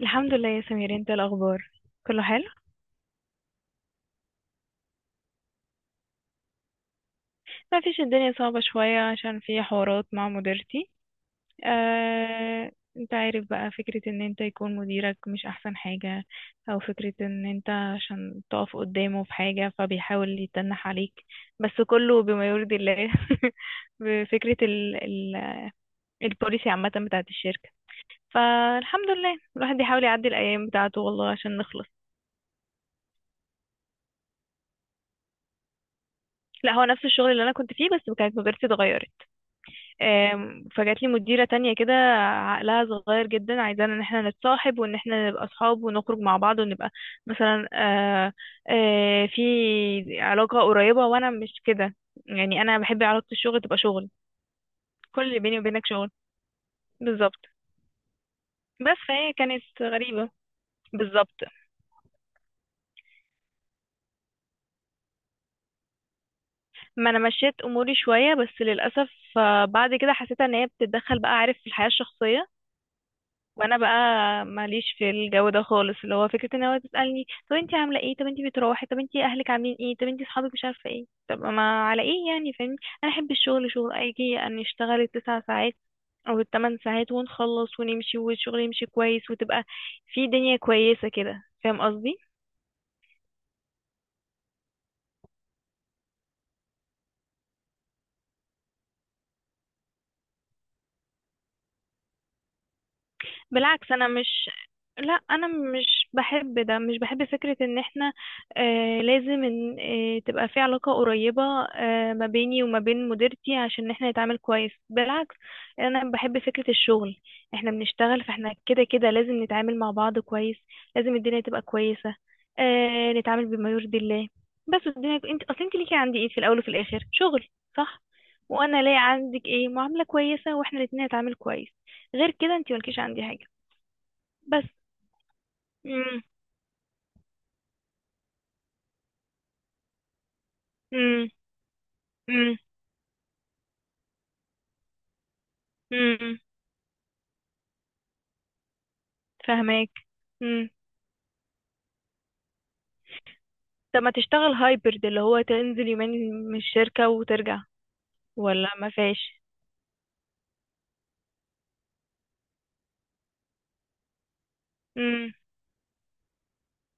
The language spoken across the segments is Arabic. الحمد لله يا سمير، انت إيه الاخبار؟ كله حلو. ما فيش، الدنيا صعبة شوية عشان في حوارات مع مديرتي. آه، انت عارف بقى فكرة ان انت يكون مديرك مش احسن حاجة، او فكرة ان انت عشان تقف قدامه في حاجة فبيحاول يتنح عليك. بس كله بما يرضي الله. بفكرة ال البوليسي عامة بتاعت الشركة. فالحمد لله الواحد بيحاول يعدي الايام بتاعته والله عشان نخلص. لا، هو نفس الشغل اللي انا كنت فيه بس كانت مديرتي اتغيرت. فجات لي مديرة تانية كده، عقلها صغير جدا، عايزانا ان احنا نتصاحب وان احنا نبقى اصحاب ونخرج مع بعض ونبقى مثلا في علاقة قريبة، وانا مش كده. يعني انا بحب علاقة الشغل تبقى شغل. كل اللي بيني وبينك شغل. بالظبط. بس فهي كانت غريبة. بالظبط. ما انا مشيت اموري شوية بس للأسف بعد كده حسيت ان هي بتتدخل بقى، عارف، في الحياة الشخصية. وانا بقى ماليش في الجو ده خالص، اللي هو فكره ان هو تسالني طب انتي عامله ايه، طب انتي بتروحي، طب انتي اهلك عاملين ايه، طب انتي اصحابك مش عارفه ايه، طب ما على ايه يعني، فاهمني. انا احب الشغل شغل، اجي ان اشتغل الـ9 ساعات او الـ8 ساعات ونخلص ونمشي والشغل يمشي كويس، وتبقى في دنيا كويسه كده. فاهم قصدي؟ بالعكس، انا مش، لا انا مش بحب ده، مش بحب فكرة ان احنا آه لازم ان تبقى في علاقة قريبة آه ما بيني وما بين مديرتي عشان احنا نتعامل كويس. بالعكس، انا بحب فكرة الشغل، احنا بنشتغل، فاحنا كده كده لازم نتعامل مع بعض كويس، لازم الدنيا تبقى كويسة، نتعامل بما يرضي الله. بس الدنيا، انت اصل انت ليكي عندي ايه في الاول وفي الاخر؟ شغل. صح. وانا ليا عندك ايه؟ معاملة كويسة، واحنا الاتنين نتعامل كويس. غير كده انت ملكيش عندي حاجة. بس. امم. امم. امم. امم. فهماك. امم. طب ما تشتغل هايبرد، اللي هو تنزل يومين من الشركة وترجع؟ ولا ما فيش؟ امم.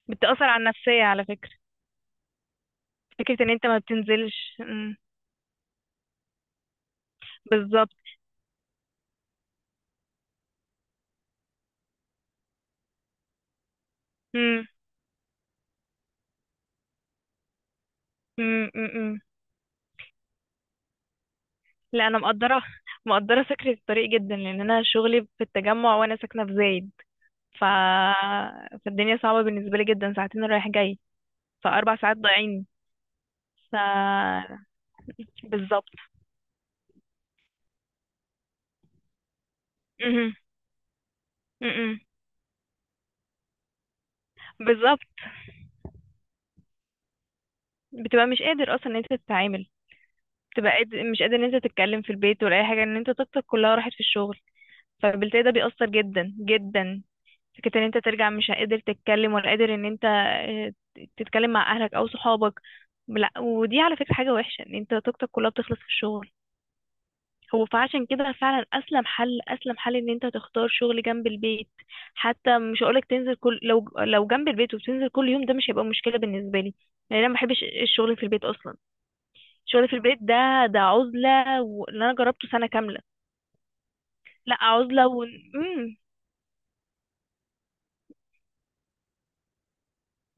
بتأثر على النفسية على فكرة، فكرة ان انت ما بتنزلش. بالظبط. امم. امم. امم. لا انا مقدرة، مقدرة فكرة الطريق جدا لان انا شغلي في التجمع وانا ساكنة في زايد ف... فالدنيا صعبة بالنسبة لي جدا، ساعتين رايح جاي، فاربع ساعات ضايعين. ف بالظبط. مهم. مهم. بالظبط. بتبقى مش قادر اصلا ان انت تتعامل، بتبقى قادر، مش قادر ان انت تتكلم في البيت ولا اي حاجه، ان انت طاقتك كلها راحت في الشغل، فبالتالي ده بيأثر جدا جدا، فكرة ان انت ترجع مش قادر تتكلم ولا قادر ان انت تتكلم مع اهلك او صحابك. لا ودي على فكره حاجه وحشه ان انت طاقتك كلها بتخلص في الشغل. هو فعشان كده فعلا اسلم حل، اسلم حل ان انت تختار شغل جنب البيت. حتى مش هقولك تنزل كل، لو جنب البيت وبتنزل كل يوم ده مش هيبقى مشكله بالنسبه لي، لان انا ما بحبش الشغل في البيت اصلا. الشغل في البيت ده عزلة، واللي انا جربته سنة كاملة. لا عزلة و امم.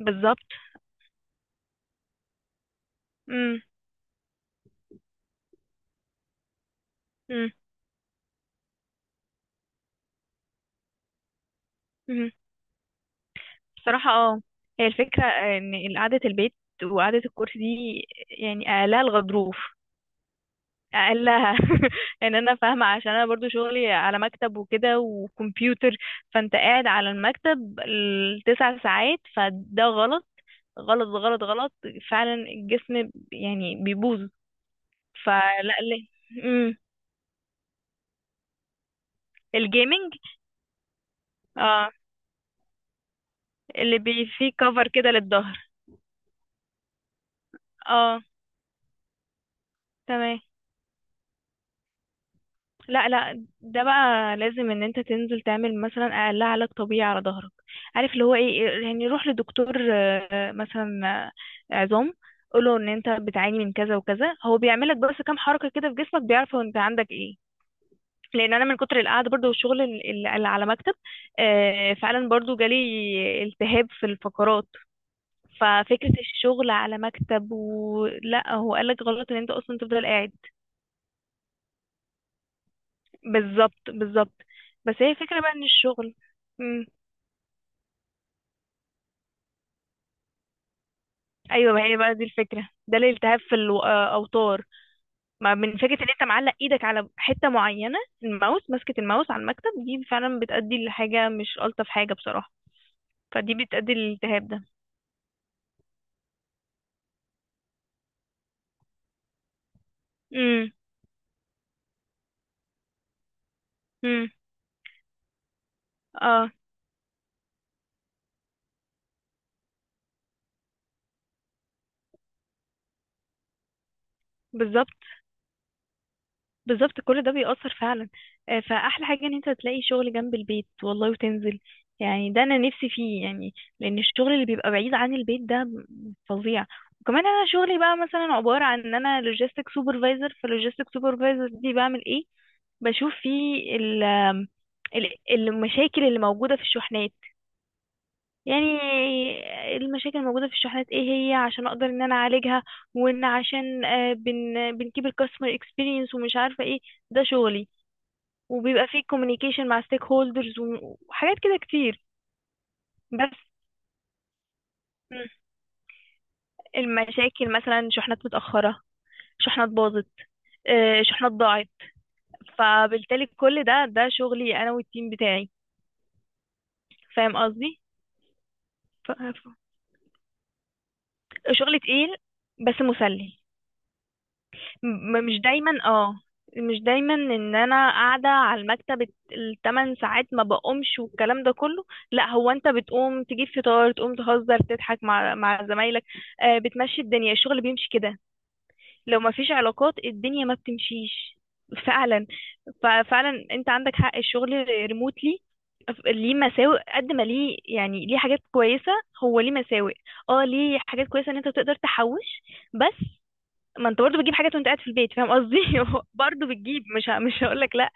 بالظبط. امم. امم. امم. بصراحة، اه، هي الفكرة ان قعدة البيت وقعدة الكرسي دي، يعني اقلها الغضروف، اقلها. ان انا فاهمة عشان انا برضو شغلي على مكتب وكده وكمبيوتر. فانت قاعد على المكتب الـ9 ساعات فده غلط، غلط غلط غلط. فعلا الجسم يعني بيبوظ. فلا ليه. امم. الجيمنج. اه، اللي بي فيه كفر كده للظهر. اه. تمام. لا لا، ده بقى لازم ان انت تنزل تعمل مثلا اقل علاج طبيعي على ظهرك. عارف اللي هو ايه، يعني روح لدكتور مثلا عظام، قوله ان انت بتعاني من كذا وكذا، هو بيعملك بس كام حركة كده في جسمك بيعرف هو انت عندك ايه. لان انا من كتر القعده برضو والشغل اللي على مكتب فعلا برضو جالي التهاب في الفقرات. ففكرة الشغل على مكتب، ولا هو قالك غلط ان انت اصلا تفضل قاعد. بالظبط بالظبط. بس هي فكرة بقى ان الشغل. مم. ايوه، ما هي بقى دي الفكرة، ده الالتهاب في الاوتار. ما من فكرة ان انت معلق ايدك على حتة معينة، الماوس، ماسكة الماوس على المكتب، دي فعلا بتأدي لحاجة مش ألطف حاجة بصراحة. فدي بتأدي للالتهاب ده. امم. امم. اه. بالظبط بالظبط، كل ده بيأثر فعلا. فأحلى حاجة إن أنت تلاقي شغل جنب البيت والله وتنزل، يعني ده أنا نفسي فيه يعني. لأن الشغل اللي بيبقى بعيد عن البيت ده فظيع. وكمان أنا شغلي بقى مثلا عبارة عن إن أنا لوجيستيك سوبرفايزر، فاللوجيستيك سوبرفايزر دي بعمل إيه؟ بشوف فيه ال المشاكل اللي موجودة في الشحنات، يعني، المشاكل الموجودة في الشحنات ايه هي، عشان اقدر ان انا اعالجها، وان عشان آه، بن بنكيب الكاستمر اكسبيرينس ومش عارفة ايه. ده شغلي. وبيبقى فيه كوميونيكيشن مع ستيك هولدرز وحاجات كده كتير. بس. مم. المشاكل مثلا شحنات متأخرة، شحنات باظت، شحنات ضاعت. فبالتالي كل ده، ده شغلي انا والتيم بتاعي. فاهم قصدي؟ ف- ف- شغل تقيل بس مسلي. مش دايما، اه مش دايما ان انا قاعده على المكتب الـ8 ساعات ما بقومش والكلام ده كله. لا، هو انت بتقوم تجيب فطار، تقوم تهزر تضحك مع زمايلك بتمشي الدنيا، الشغل بيمشي كده. لو ما فيش علاقات الدنيا ما بتمشيش فعلا. ففعلا انت عندك حق، الشغل ريموتلي ليه مساوئ قد ما ليه يعني ليه حاجات كويسة. هو ليه مساوئ، اه ليه حاجات كويسة ان انت تقدر تحوش. بس ما انت برضه بتجيب حاجات وانت قاعد في البيت فاهم قصدي. برضه بتجيب، مش هقول لك لا.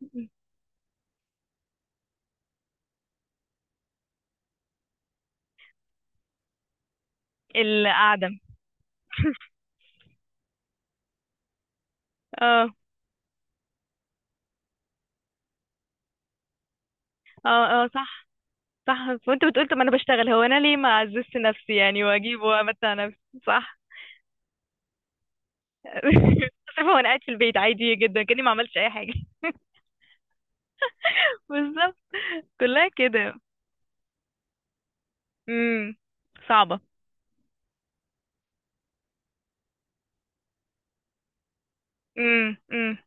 القعدة. اه اه. اه صح. صح. وانت بتقول طب ما انا بشتغل، هو انا ليه ما اعززش نفسي يعني، واجيب وامتع نفسي. صح. شايفه، وانا قاعد في البيت عادي جدا كاني ما عملتش اي حاجه. بالظبط. كلها كده. امم. صعبه. امم. امم.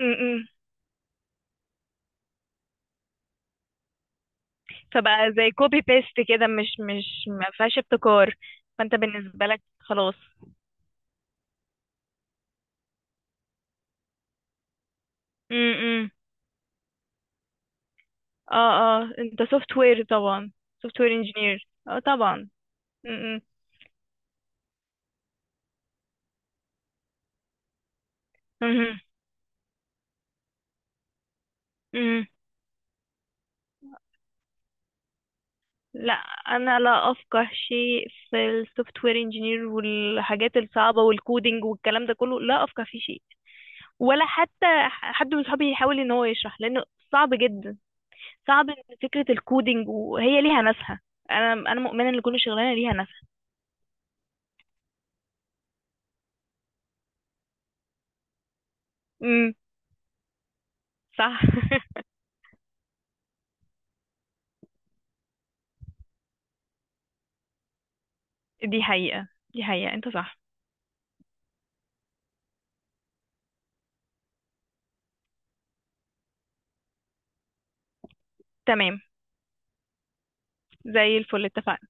امم. امم. فبقى زي كوبي بيست كده، مش ما فيهاش ابتكار. فانت بالنسبه لك خلاص. امم. امم. اه اه. انت سوفت وير طبعا، سوفت وير انجينير، اه طبعا. امم. امم. امم. لا، انا لا افقه شيء في السوفت وير انجينير والحاجات الصعبه والكودينج والكلام ده كله، لا افقه فيه شيء. ولا حتى حد من صحابي يحاول ان هو يشرح، لانه صعب جدا. صعب ان فكره الكودينج وهي ليها ناسها. انا، انا مؤمنه ان كل شغلانه ليها ناسها. امم. صح. دي حقيقه، دي حقيقه، انت صح. تمام. زي الفل، اتفقنا.